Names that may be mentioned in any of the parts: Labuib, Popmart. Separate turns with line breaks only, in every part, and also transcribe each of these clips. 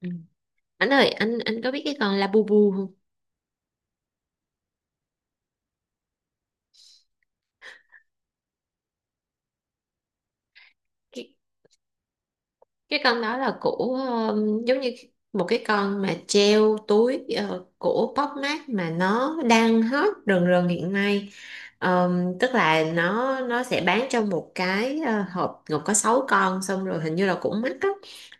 Ừ. Anh ơi, anh có biết cái con Labubu không? Cái cái con đó là của giống như một cái con mà treo túi, của Popmart mà nó đang hot rần rần hiện nay. Tức là nó sẽ bán trong một cái hộp gồm có 6 con, xong rồi hình như là cũng mắc á.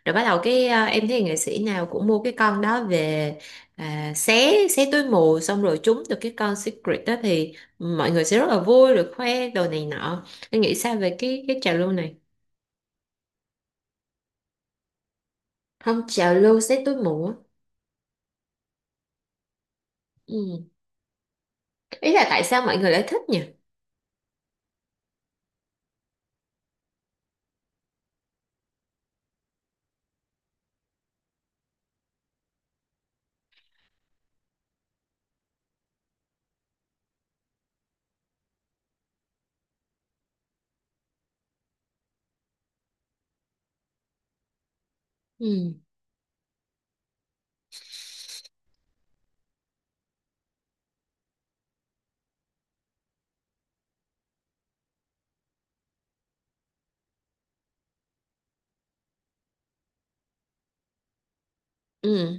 Rồi bắt đầu em thấy nghệ sĩ nào cũng mua cái con đó về, à, xé xé túi mù xong rồi trúng được cái con secret đó thì mọi người sẽ rất là vui rồi khoe đồ này nọ. Em nghĩ sao về cái trào lưu này? Không, trào lưu xé túi mù á. Ừ. Ý là tại sao mọi người lại thích nhỉ? Ừ. Ừ.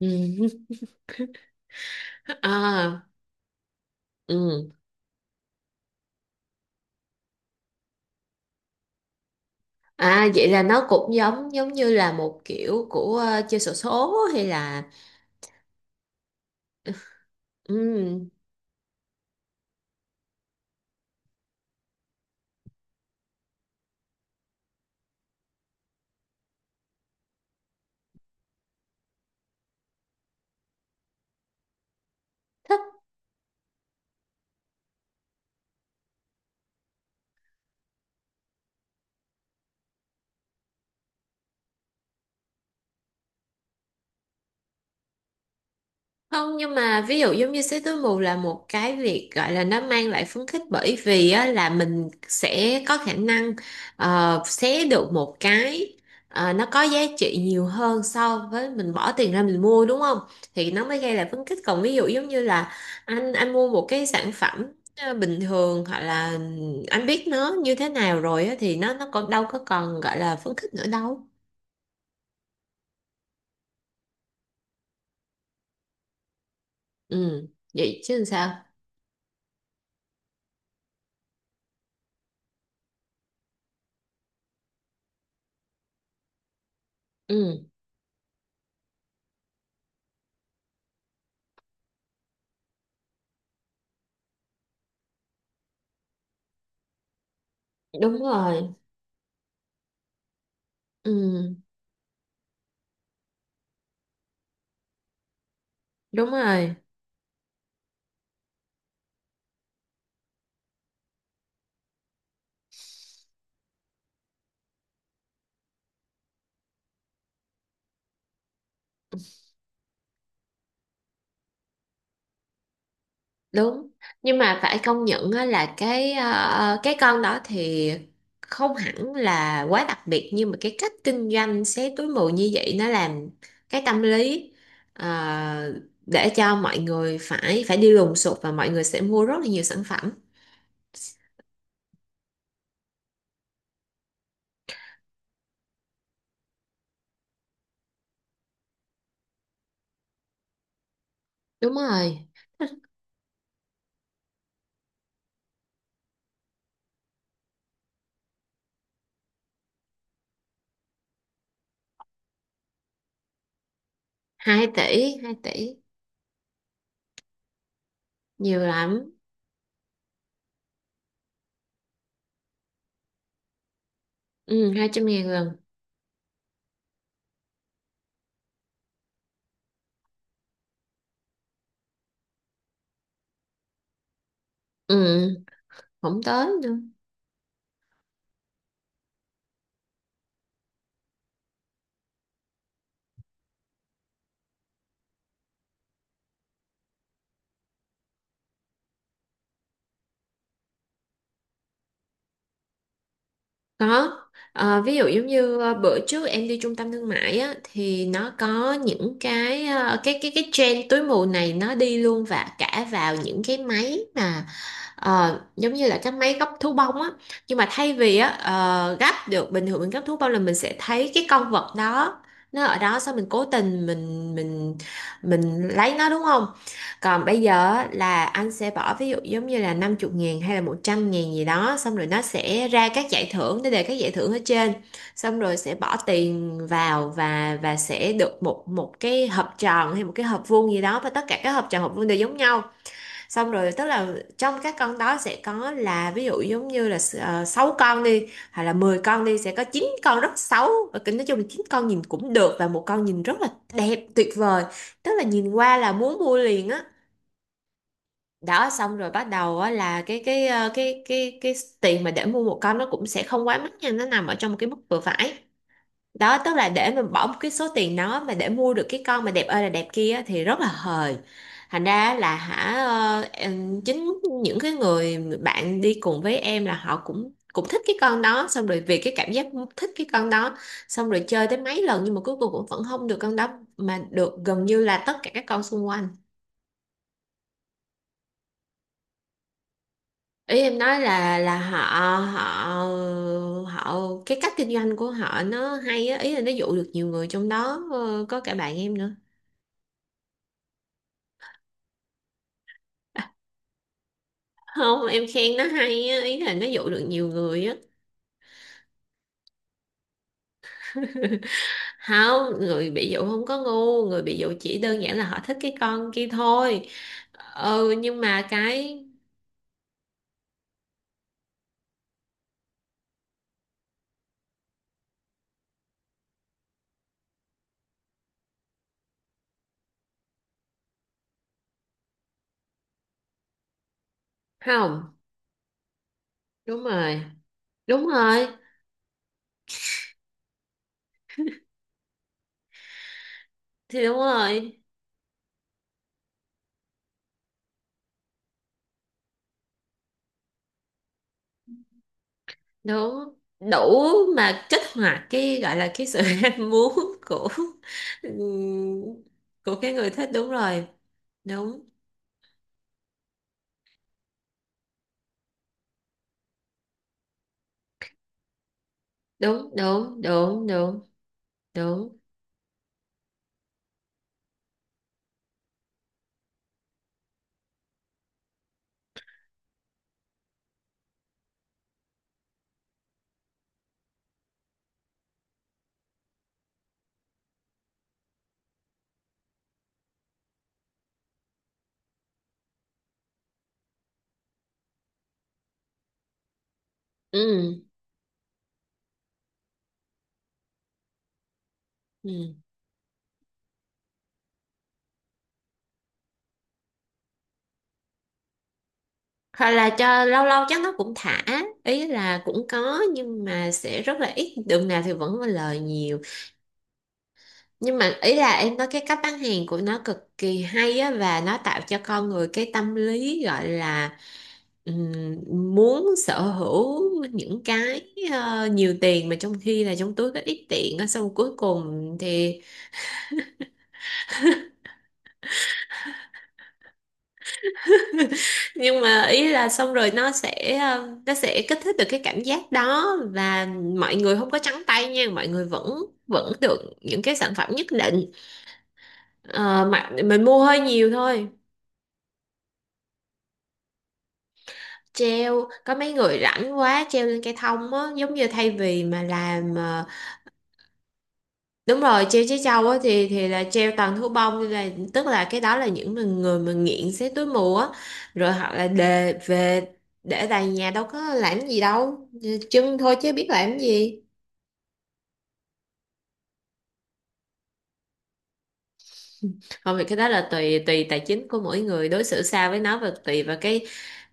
Ừ. À. Ừ. À, vậy là nó cũng giống giống như là một kiểu của chơi xổ số hay là... Ừ. Thích. Không, nhưng mà ví dụ giống như xé túi mù là một cái việc gọi là nó mang lại phấn khích, bởi vì á, là mình sẽ có khả năng xé được một cái nó có giá trị nhiều hơn so với mình bỏ tiền ra mình mua, đúng không? Thì nó mới gây lại phấn khích. Còn ví dụ giống như là anh mua một cái sản phẩm bình thường hoặc là anh biết nó như thế nào rồi á, thì nó còn đâu có còn gọi là phấn khích nữa đâu. Ừ, vậy chứ làm sao? Ừ, đúng rồi. Ừ, đúng rồi. Đúng. Nhưng mà phải công nhận á, là cái con đó thì không hẳn là quá đặc biệt, nhưng mà cái cách kinh doanh xé túi mù như vậy nó làm cái tâm lý, ờ, để cho mọi người phải phải đi lùng sục và mọi người sẽ mua rất là nhiều sản phẩm. Đúng rồi. 2 tỷ, 2 tỷ. Nhiều lắm. Ừ, 200.000 lần. Ừ. Không tới nữa. Có. Ví dụ giống như bữa trước em đi trung tâm thương mại á, thì nó có những cái, cái trend túi mù này nó đi luôn và cả vào những cái máy mà... giống như là cái máy gấp thú bông á. Nhưng mà thay vì á, gấp được bình thường mình gấp thú bông là mình sẽ thấy cái con vật đó, nó ở đó sao mình cố tình mình lấy nó, đúng không? Còn bây giờ á, là anh sẽ bỏ ví dụ giống như là 50 ngàn hay là 100.000 gì đó. Xong rồi nó sẽ ra các giải thưởng, nó đề các giải thưởng ở trên. Xong rồi sẽ bỏ tiền vào và sẽ được một một cái hộp tròn hay một cái hộp vuông gì đó. Và tất cả các hộp tròn, hộp vuông đều giống nhau. Xong rồi tức là trong các con đó sẽ có là ví dụ giống như là 6 con đi. Hoặc là 10 con đi, sẽ có 9 con rất xấu. Nói chung là 9 con nhìn cũng được và một con nhìn rất là đẹp, tuyệt vời. Tức là nhìn qua là muốn mua liền á. Đó, xong rồi bắt đầu á, là cái ờ, cái tiền mà để mua một con nó cũng sẽ không quá mắc nha, nó nằm ở trong một cái mức vừa phải. Đó, tức là để mình bỏ một cái số tiền đó mà để mua được cái con mà đẹp ơi là đẹp kia á, thì rất là hời. Thành ra là hả, chính những cái người bạn đi cùng với em là họ cũng cũng thích cái con đó, xong rồi vì cái cảm giác thích cái con đó, xong rồi chơi tới mấy lần nhưng mà cuối cùng cũng vẫn không được con đó, mà được gần như là tất cả các con xung quanh. Ý em nói là họ họ họ cái cách kinh doanh của họ nó hay á, ý là nó dụ được nhiều người, trong đó có cả bạn em nữa. Không, em khen nó hay á, ý là nó dụ được nhiều người á. Không, người bị dụ không có ngu, người bị dụ chỉ đơn giản là họ thích cái con kia thôi. Ừ, nhưng mà cái... Không. Đúng rồi. Đúng rồi. Thì đúng rồi. Đúng. Đủ mà kích hoạt cái gọi là cái sự ham muốn của ừm, của cái người thích, đúng rồi. Đúng, đúng, đúng, đúng. Đúng, đúng. Ừ. Ừ. Hoặc là cho lâu lâu chắc nó cũng thả, ý là cũng có nhưng mà sẽ rất là ít, đường nào thì vẫn có lời nhiều. Nhưng mà ý là em nói cái cách bán hàng của nó cực kỳ hay á, và nó tạo cho con người cái tâm lý gọi là ừm, muốn sở hữu những cái nhiều tiền, mà trong khi là trong túi có ít tiền á, xong cuối cùng thì... Nhưng mà ý là xong rồi nó sẽ kích thích được cái cảm giác đó, và mọi người không có trắng tay nha, mọi người vẫn vẫn được những cái sản phẩm nhất định. Ờ, mà mình mua hơi nhiều thôi. Treo, có mấy người rảnh quá treo lên cây thông á, giống như thay vì mà làm, đúng rồi treo trái trâu á, thì là treo toàn thú bông, nên là tức là cái đó là những mà người mà nghiện xé túi mù á. Rồi họ là đề về để tại nhà đâu có làm gì đâu, chân thôi chứ biết làm gì. Không thì cái đó là tùy tùy tài chính của mỗi người đối xử sao với nó, và tùy vào cái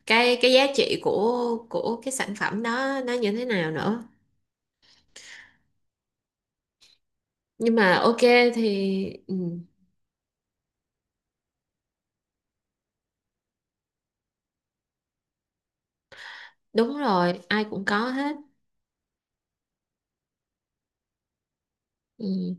cái cái giá trị của cái sản phẩm đó nó như thế nào nữa. Nhưng mà ok. Thì ừ. Đúng rồi, ai cũng có hết. Ừ.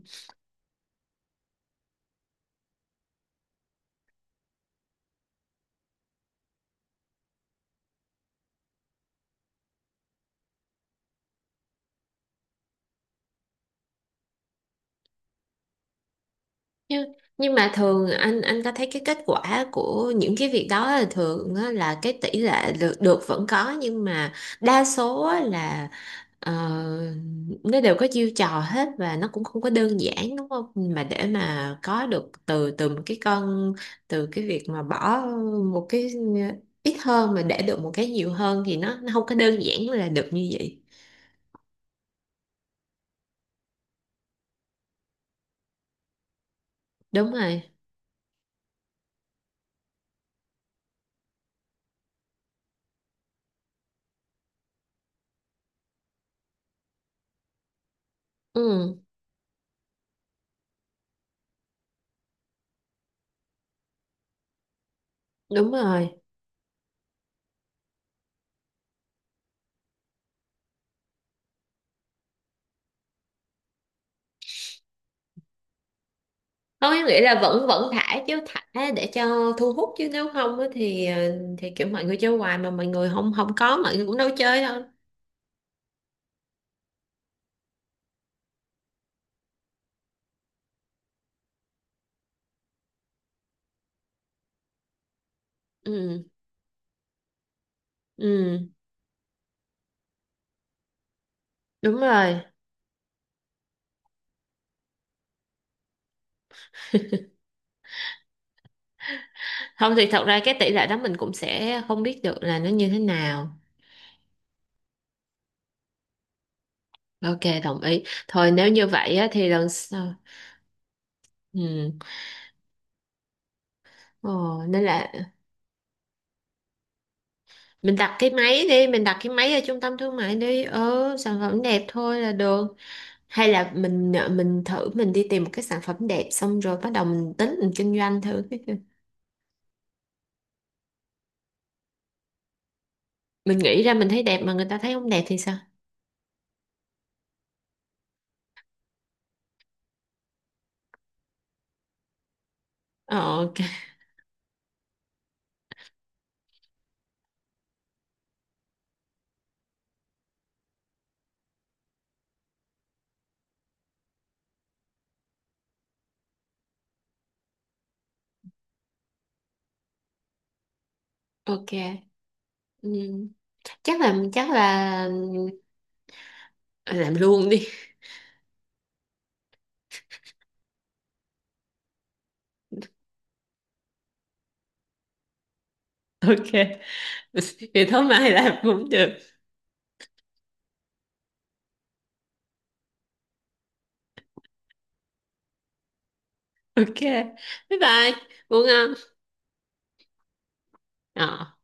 Nhưng mà thường anh có thấy cái kết quả của những cái việc đó là thường á, là cái tỷ lệ được vẫn có, nhưng mà đa số á là ờ, nó đều có chiêu trò hết và nó cũng không có đơn giản, đúng không? Mà để mà có được từ từ một cái con, từ cái việc mà bỏ một cái ít hơn mà để được một cái nhiều hơn thì nó không có đơn giản là được như vậy. Đúng rồi. Ừ, đúng rồi. Không, em nghĩ là vẫn vẫn thả chứ, thả để cho thu hút, chứ nếu không á thì thì kiểu mọi người chơi hoài mà mọi người không không có, mọi người cũng đâu chơi đâu. Ừ. Ừ, đúng rồi. Không thì thật ra cái tỷ lệ đó mình cũng sẽ không biết được là nó như thế nào. Ok, đồng ý thôi, nếu như vậy á thì lần sau... Ừ. Ồ, nên là mình đặt cái máy đi, mình đặt cái máy ở trung tâm thương mại đi. Ừ, sản phẩm đẹp thôi là được. Hay là mình thử mình đi tìm một cái sản phẩm đẹp xong rồi bắt đầu mình tính mình kinh doanh thử cái kìa. Mình nghĩ ra mình thấy đẹp mà người ta thấy không đẹp thì sao? Ờ, ok. Ok. Ừ. Chắc là, chắc là... Ờ, làm luôn đi. Ok. Vậy thôi mai làm cũng được. Ok. Bye bye. Ngủ ngon. Ờ.